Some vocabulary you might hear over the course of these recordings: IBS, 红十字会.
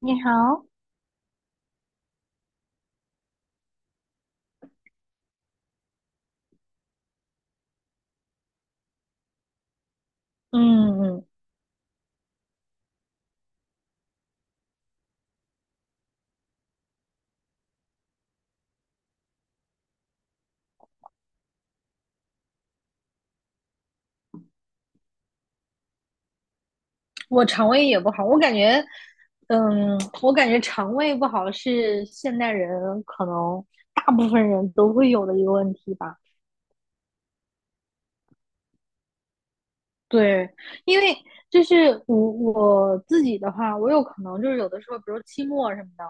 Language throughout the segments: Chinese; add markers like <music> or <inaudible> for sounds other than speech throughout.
你好，嗯嗯，我肠胃也不好，我感觉，嗯，我感觉肠胃不好是现代人可能大部分人都会有的一个问题吧。对，因为就是我自己的话，我有可能就是有的时候，比如期末什么的，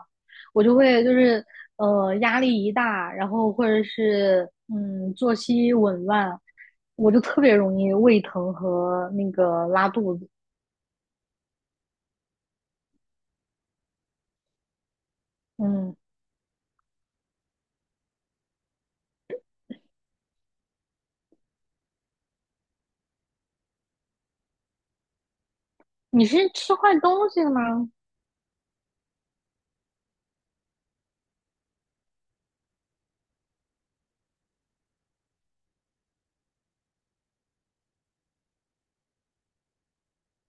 我就会就是压力一大，然后或者是作息紊乱，我就特别容易胃疼和那个拉肚子。嗯，你是吃坏东西了吗？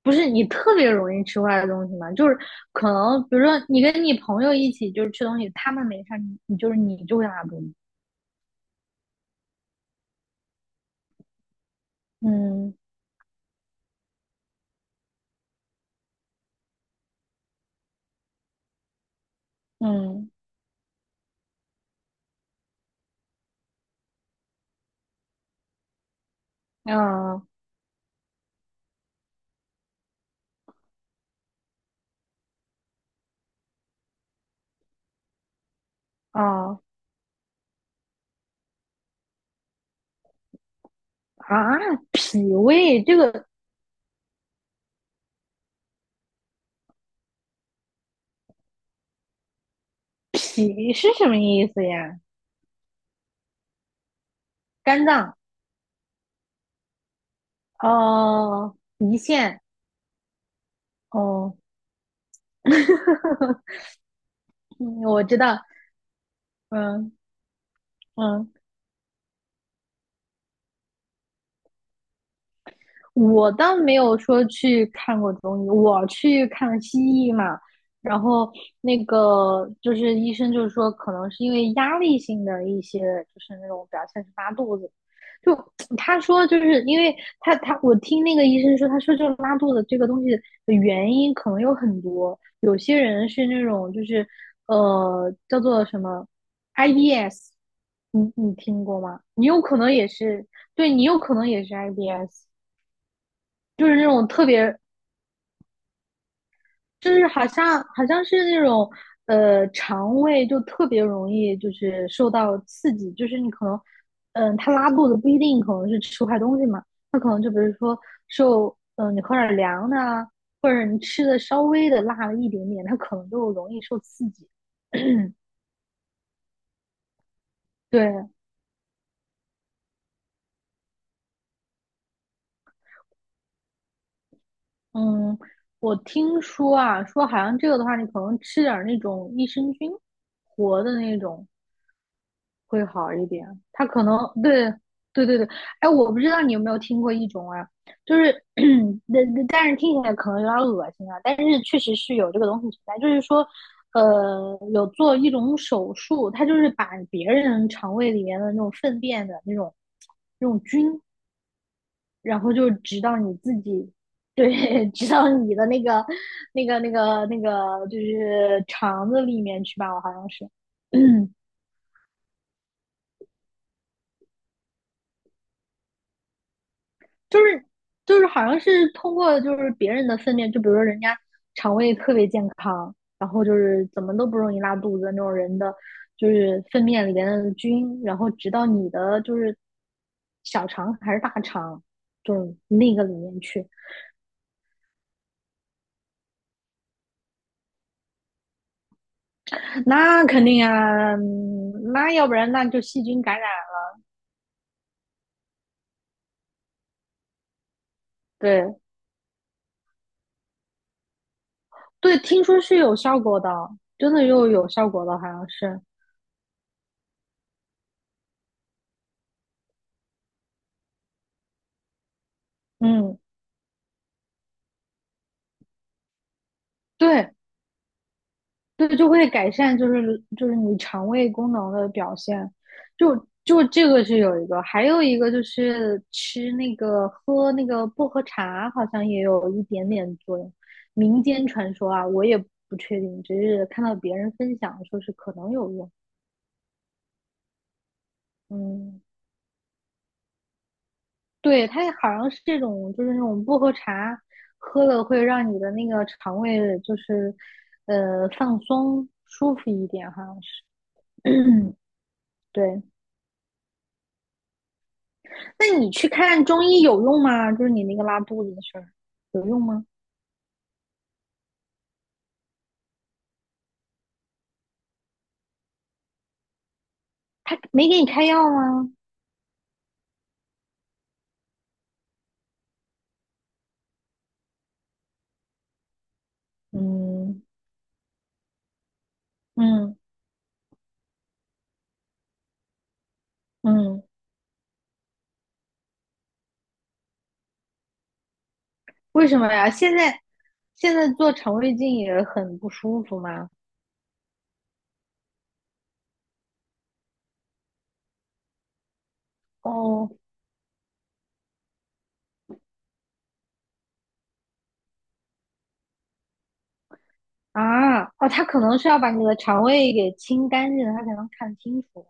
不是你特别容易吃坏的东西吗？就是可能，比如说你跟你朋友一起就是吃东西，他们没事儿你就会拉肚子。嗯。嗯。嗯。哦。啊！脾胃这个脾是什么意思呀？肝脏。哦，胰腺。哦，<laughs> 嗯我知道，嗯。嗯。我倒没有说去看过中医，我去看西医嘛。然后那个就是医生就是说，可能是因为压力性的一些，就是那种表现是拉肚子。就 <tsk> 他说，就是因为他我听那个医生说，他说就拉肚子这个东西的原因可能有很多，有些人是那种就是叫做什么 IBS，你你听过吗？你有可能也是，对你有可能也是 IBS。就是那种特别，就是好像是那种肠胃就特别容易就是受到刺激，就是你可能它拉肚子不一定可能是吃坏东西嘛，就是说受你喝点凉的啊，或者你吃的稍微的辣了一点点，它可能就容易受刺激。<clears throat> 对，嗯，我听说啊，说好像这个的话，你可能吃点儿那种益生菌活的那种，会好一点。他可能对。对对对，哎，我不知道你有没有听过一种啊，就是 <clears throat> 但是听起来可能有点恶心啊，但是确实是有这个东西存在，就是说，有做一种手术，它就是把别人肠胃里面的那种粪便的那种菌，然后就直到你自己。对，<laughs> 直到你的那个、那个、那个、那个，就是肠子里面去吧，我好像是。<clears throat> 就是好像是通过就是别人的粪便，就比如说人家肠胃特别健康，然后就是怎么都不容易拉肚子那种人的，就是粪便里边的菌，然后直到你的就是小肠还是大肠，就是那个里面去，那肯定啊，嗯那要不然那就细菌感染了。对对，听说是有效果的，真的又有效果的，好像是，嗯，对。对，就会改善，就是就是你肠胃功能的表现，就就这个是有一个，还有一个就是吃那个喝那个薄荷茶，好像也有一点点作用。民间传说啊，我也不确定，只是看到别人分享说是可能有用。嗯，对，它好像是这种，就是那种薄荷茶，喝了会让你的那个肠胃就是放松舒服一点，好像是。<coughs> <clears throat> 对。那你去看中医有用吗？就是你那个拉肚子的事儿有用吗？他没给你开药吗？嗯。嗯。嗯，为什么呀？现在现在做肠胃镜也很不舒服吗？哦。啊哦，他可能是要把你的肠胃给清干净，他才能看清楚。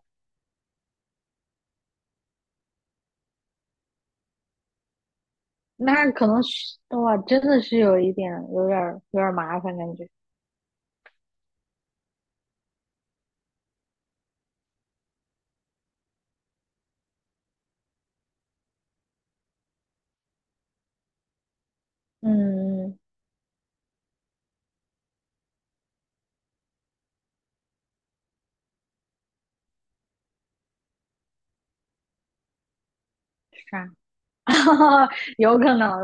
那可能是哇，真的是有一点，有点儿有点儿麻烦感觉。嗯，是啊，<laughs> 有可能，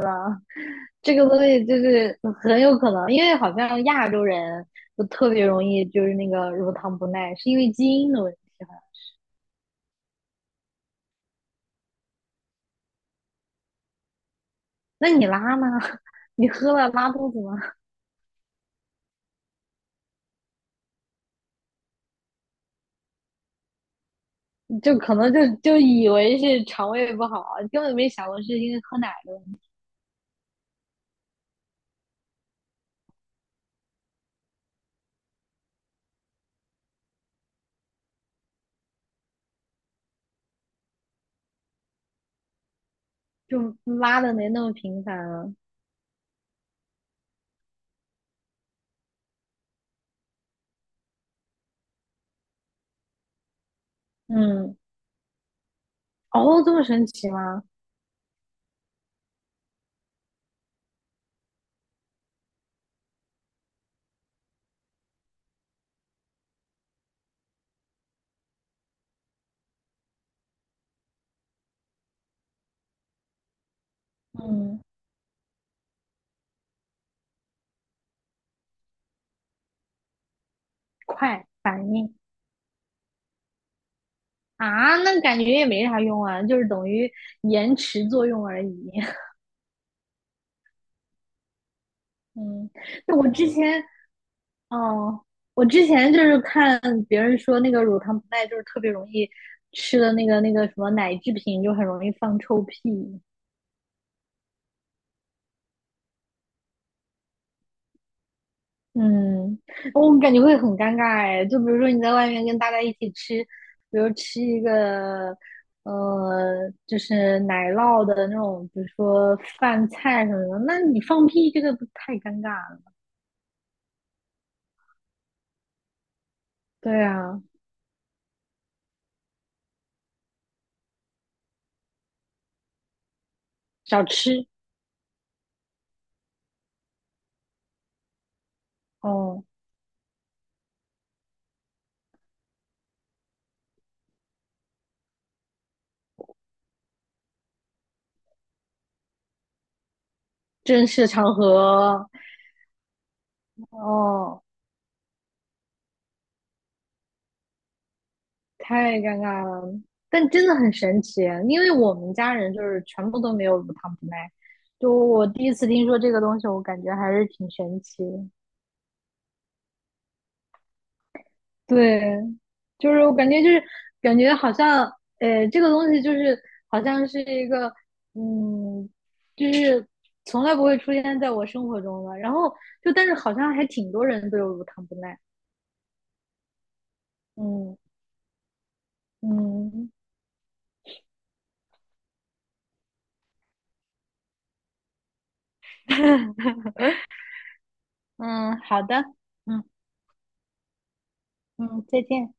这个东西就是很有可能，因为好像亚洲人就特别容易就是那个乳糖不耐，是因为基因的问题。那你拉呢？<laughs> 你喝了拉肚子吗？就可能就就以为是肠胃不好，根本没想过是因为喝奶的，就拉的没那么频繁了。嗯，哦，这么神奇吗？嗯，快反应。啊，那感觉也没啥用啊，就是等于延迟作用而已。<laughs> 嗯，那我之前哦，我之前就是看别人说那个乳糖不耐，就是特别容易吃的那个那个什么奶制品，就很容易放臭屁。嗯，哦我感觉会很尴尬哎。就比如说你在外面跟大家一起吃，比如吃一个就是奶酪的那种，比如说饭菜什么的，那你放屁这个不太尴尬了？对啊，少吃。哦，正式场合。哦。太尴尬了，但真的很神奇，因为我们家人就是全部都没有乳糖不耐，就我第一次听说这个东西，我感觉还是挺神奇的。对，就是我感觉就是感觉好像，这个东西就是好像是一个，嗯，就是从来不会出现在我生活中的。然后就但是好像还挺多人都有乳糖不耐。嗯。嗯 <laughs> 嗯，好的，嗯。嗯，再见。